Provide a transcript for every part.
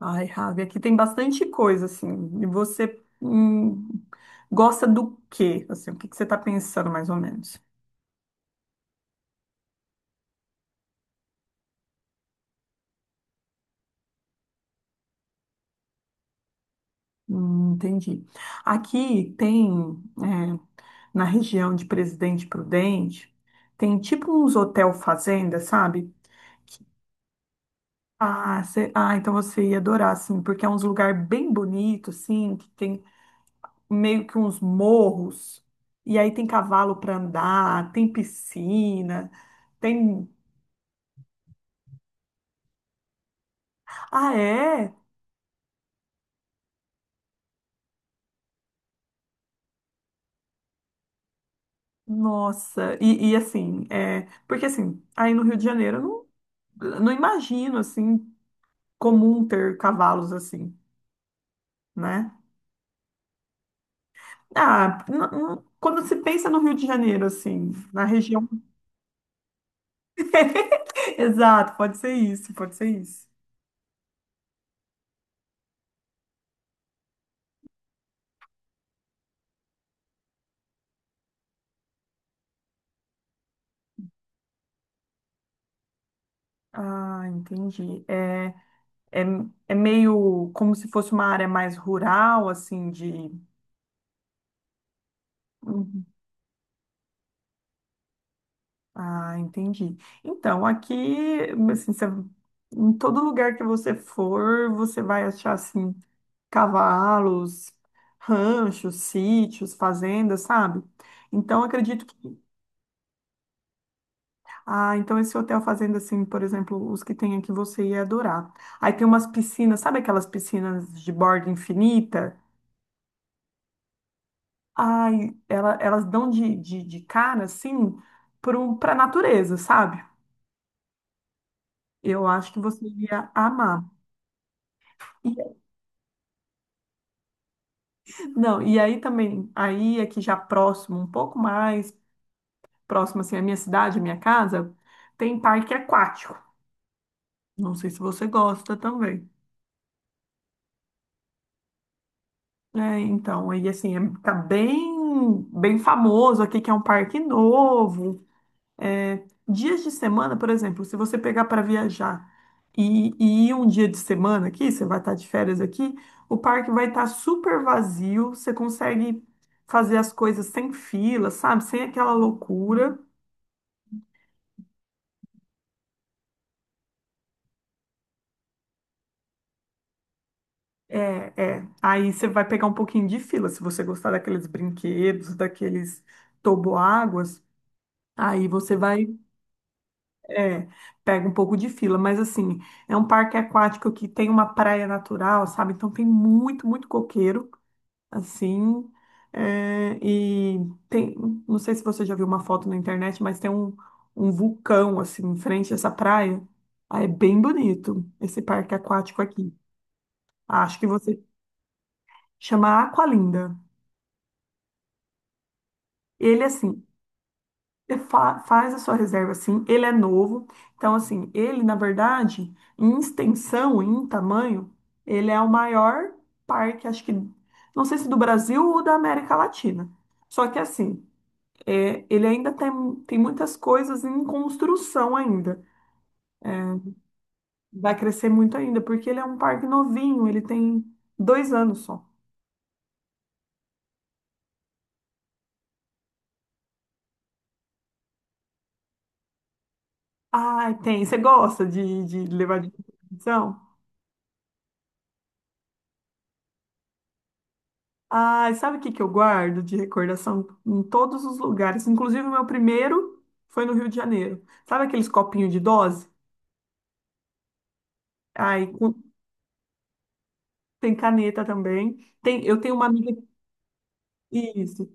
Ai, Ravi, aqui tem bastante coisa, assim. E você gosta do quê? Assim, o que que você está pensando, mais ou menos? Entendi. Aqui tem, é, na região de Presidente Prudente, tem tipo uns hotel fazenda, sabe? Que- então você ia adorar, assim, porque é uns lugar bem bonito, assim, que tem meio que uns morros, e aí tem cavalo para andar, tem piscina, tem... Ah, é? Nossa, e assim, é, porque assim, aí no Rio de Janeiro eu não imagino assim comum ter cavalos assim, né? Ah, quando se pensa no Rio de Janeiro, assim, na região. Exato, pode ser isso, pode ser isso. Ah, entendi. É, é, é meio como se fosse uma área mais rural, assim, de. Uhum. Ah, entendi. Então, aqui, assim, você- em todo lugar que você for, você vai achar, assim, cavalos, ranchos, sítios, fazendas, sabe? Então, acredito que... Ah, então esse hotel fazenda, assim, por exemplo, os que tem aqui, você ia adorar. Aí tem umas piscinas, sabe aquelas piscinas de borda infinita? Ai, elas dão de cara, assim, para a natureza, sabe? Eu acho que você ia amar. Não, e aí também, aí aqui já próximo, um pouco mais próximo assim, a minha cidade, a minha casa, tem parque aquático. Não sei se você gosta também. É, então, aí assim, tá bem, bem famoso aqui que é um parque novo. É, dias de semana, por exemplo, se você pegar para viajar e ir um dia de semana aqui, você vai estar de férias aqui, o parque vai estar super vazio, você consegue fazer as coisas sem fila, sabe? Sem aquela loucura. É, é. Aí você vai pegar um pouquinho de fila, se você gostar daqueles brinquedos, daqueles toboáguas, aí você vai, é, pega um pouco de fila. Mas assim, é um parque aquático que tem uma praia natural, sabe? Então tem muito, muito coqueiro, assim. E tem, não sei se você já viu uma foto na internet, mas tem um, um vulcão, assim, em frente a essa praia. Aí é bem bonito esse parque aquático aqui. Acho que você chama Aqualinda. Ele, assim, faz a sua reserva assim, ele é novo. Então, assim, ele, na verdade, em extensão, em tamanho, ele é o maior parque, acho que, não sei se do Brasil ou da América Latina. Só que, assim, ele ainda tem muitas coisas em construção ainda. Vai crescer muito ainda, porque ele é um parque novinho, ele tem 2 anos só. Ai, tem. Você gosta de levar de competição? Ai, sabe o que que eu guardo de recordação em todos os lugares? Inclusive, o meu primeiro foi no Rio de Janeiro. Sabe aqueles copinhos de dose? Ai, com- Tem caneta também. Tem, eu tenho uma amiga, isso,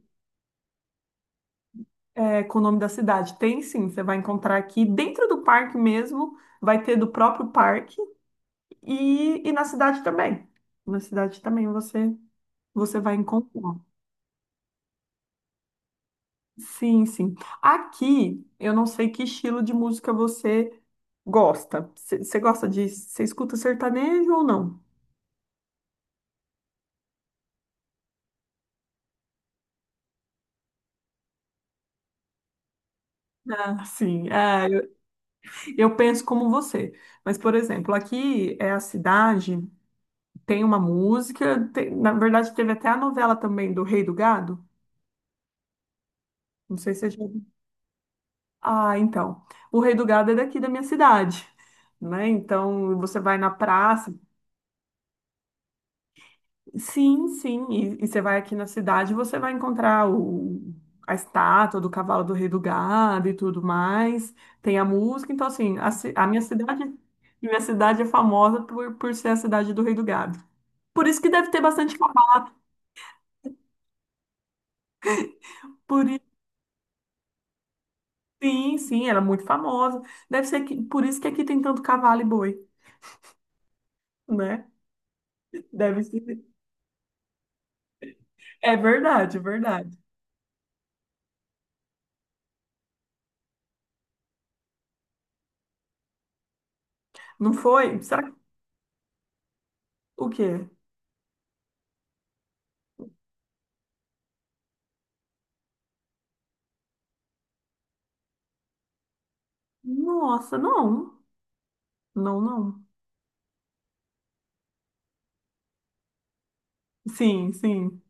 é, com o nome da cidade. Tem sim, você vai encontrar aqui dentro do parque mesmo, vai ter do próprio parque e na cidade também. Na cidade também você vai encontrar. Sim, sim. Aqui, eu não sei que estilo de música você gosta. Você gosta de. Você escuta sertanejo ou não? Ah, sim. Ah, eu penso como você. Mas, por exemplo, aqui é a cidade, tem uma música. Na verdade, teve até a novela também do Rei do Gado. Não sei se você já... ouviu. Ah, então. O Rei do Gado é daqui da minha cidade, né? Então, você vai na praça. Sim, sim. E você vai aqui na cidade, você vai encontrar a estátua do cavalo do Rei do Gado e tudo mais. Tem a música, então assim, a minha cidade é famosa por ser a cidade do Rei do Gado. Por isso que deve ter bastante cavalo. Por, i- sim, sim, ela é muito famosa. Deve ser que, por isso que aqui tem tanto cavalo e boi, né? Deve ser. É verdade, é verdade. Não foi? Será que o quê? Nossa, não. Não, não. Sim, sim.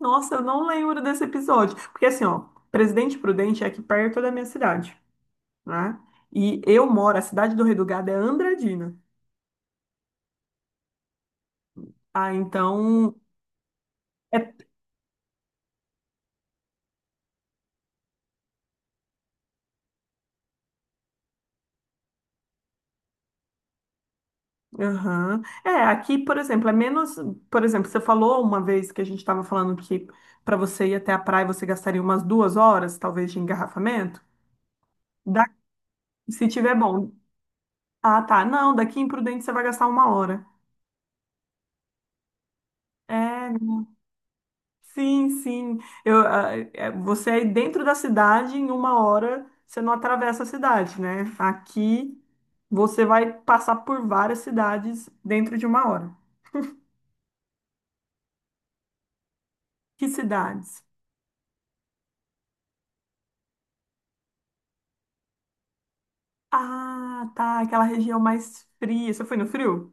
Nossa, eu não lembro desse episódio. Porque assim, ó, Presidente Prudente é aqui perto da minha cidade, né? E eu moro, a cidade do Redugado é Andradina. Ah, então. É, aham. É, aqui, por exemplo, é menos. Por exemplo, você falou uma vez que a gente estava falando que para você ir até a praia você gastaria umas 2 horas, talvez, de engarrafamento. Da, se tiver bom. Ah, tá. Não, daqui em Prudente você vai gastar 1 hora. É. Sim, sim. Você aí dentro da cidade, em 1 hora, você não atravessa a cidade, né? Aqui você vai passar por várias cidades dentro de 1 hora. Que cidades? Ah, tá, aquela região mais fria. Você foi no frio?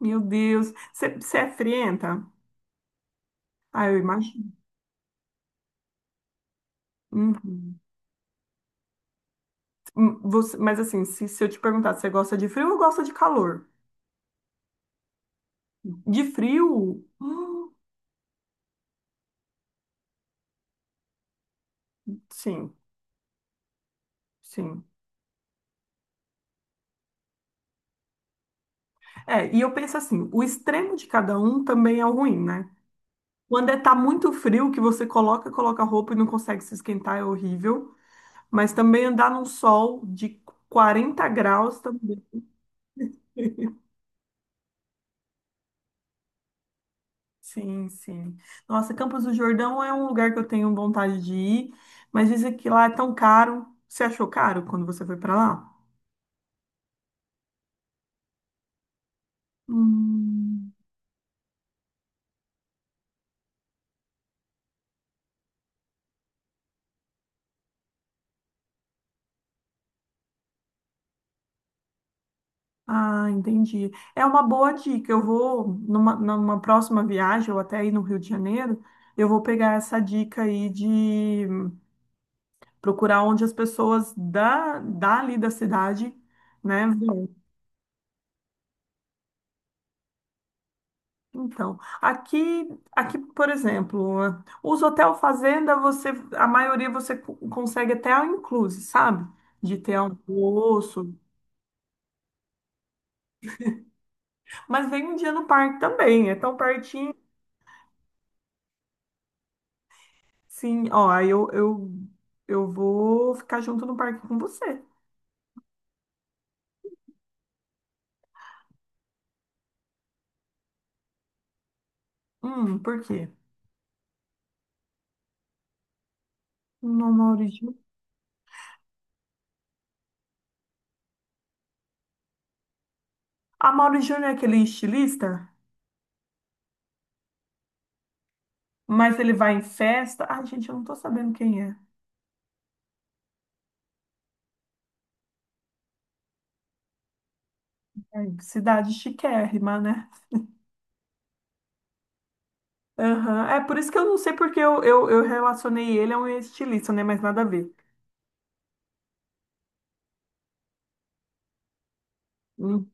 Meu Deus. Você é frienta? Ah, eu imagino. Uhum. Hum. Mas assim, se eu te perguntar se você gosta de frio ou gosta de calor? De frio? Sim, sim. É, e eu penso assim, o extremo de cada um também é o ruim, né? Quando é tá muito frio, que você coloca roupa e não consegue se esquentar, é horrível. Mas também andar num sol de 40 graus também. Sim, sim. Nossa, Campos do Jordão é um lugar que eu tenho vontade de ir, mas dizem que lá é tão caro. Você achou caro quando você foi pra lá? Hum. Ah, entendi. É uma boa dica. Eu vou, numa próxima viagem, ou até aí no Rio de Janeiro, eu vou pegar essa dica aí de procurar onde as pessoas dali da cidade, né, vão. Então, aqui, aqui, por exemplo, os hotel fazenda, você, a maioria você consegue até all inclusive, sabe? De ter almoço. Mas vem um dia no parque também, é tão pertinho. Sim, ó, eu vou ficar junto no parque com você. Por quê? No Mauri Júnior. A Mauri Júnior é aquele estilista, mas ele vai em festa. Ai, gente, eu não tô sabendo quem é. É, cidade chiquérrima, né? Aham. É por isso que eu não sei porque eu relacionei ele a um estilista, né? Mas nada a ver. Hum.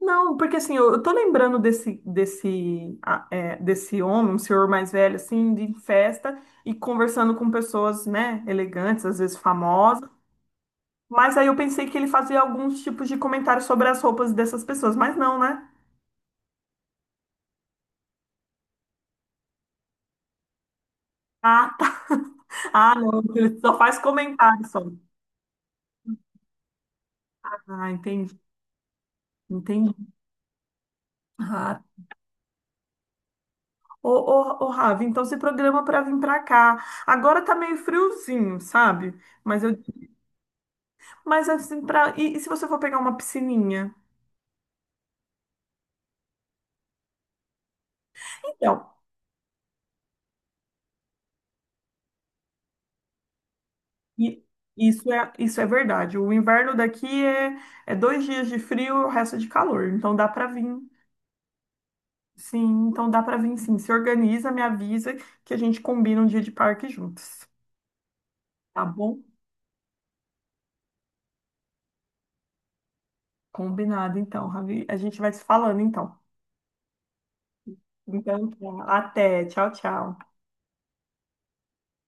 Não, porque assim, eu tô lembrando desse homem, um senhor mais velho, assim, de festa e conversando com pessoas, né, elegantes, às vezes famosas. Mas aí eu pensei que ele fazia alguns tipos de comentários sobre as roupas dessas pessoas, mas não, né? Ah, tá. Ah, não, ele só faz comentários só. Ah, entendi, entendi. Ah, ô, Ravi, então se programa é pra vir pra cá. Agora tá meio friozinho, sabe? Mas eu, mas assim, pra, e se você for pegar uma piscininha? Então, E isso é verdade. O inverno daqui é, é dois dias de frio e o resto é de calor. Então dá para vir, sim. Então dá para vir, sim. Se organiza, me avisa que a gente combina um dia de parque juntos. Tá bom? Combinado, então, Ravi. A gente vai se falando, então. Então, tá. Até. Tchau, tchau.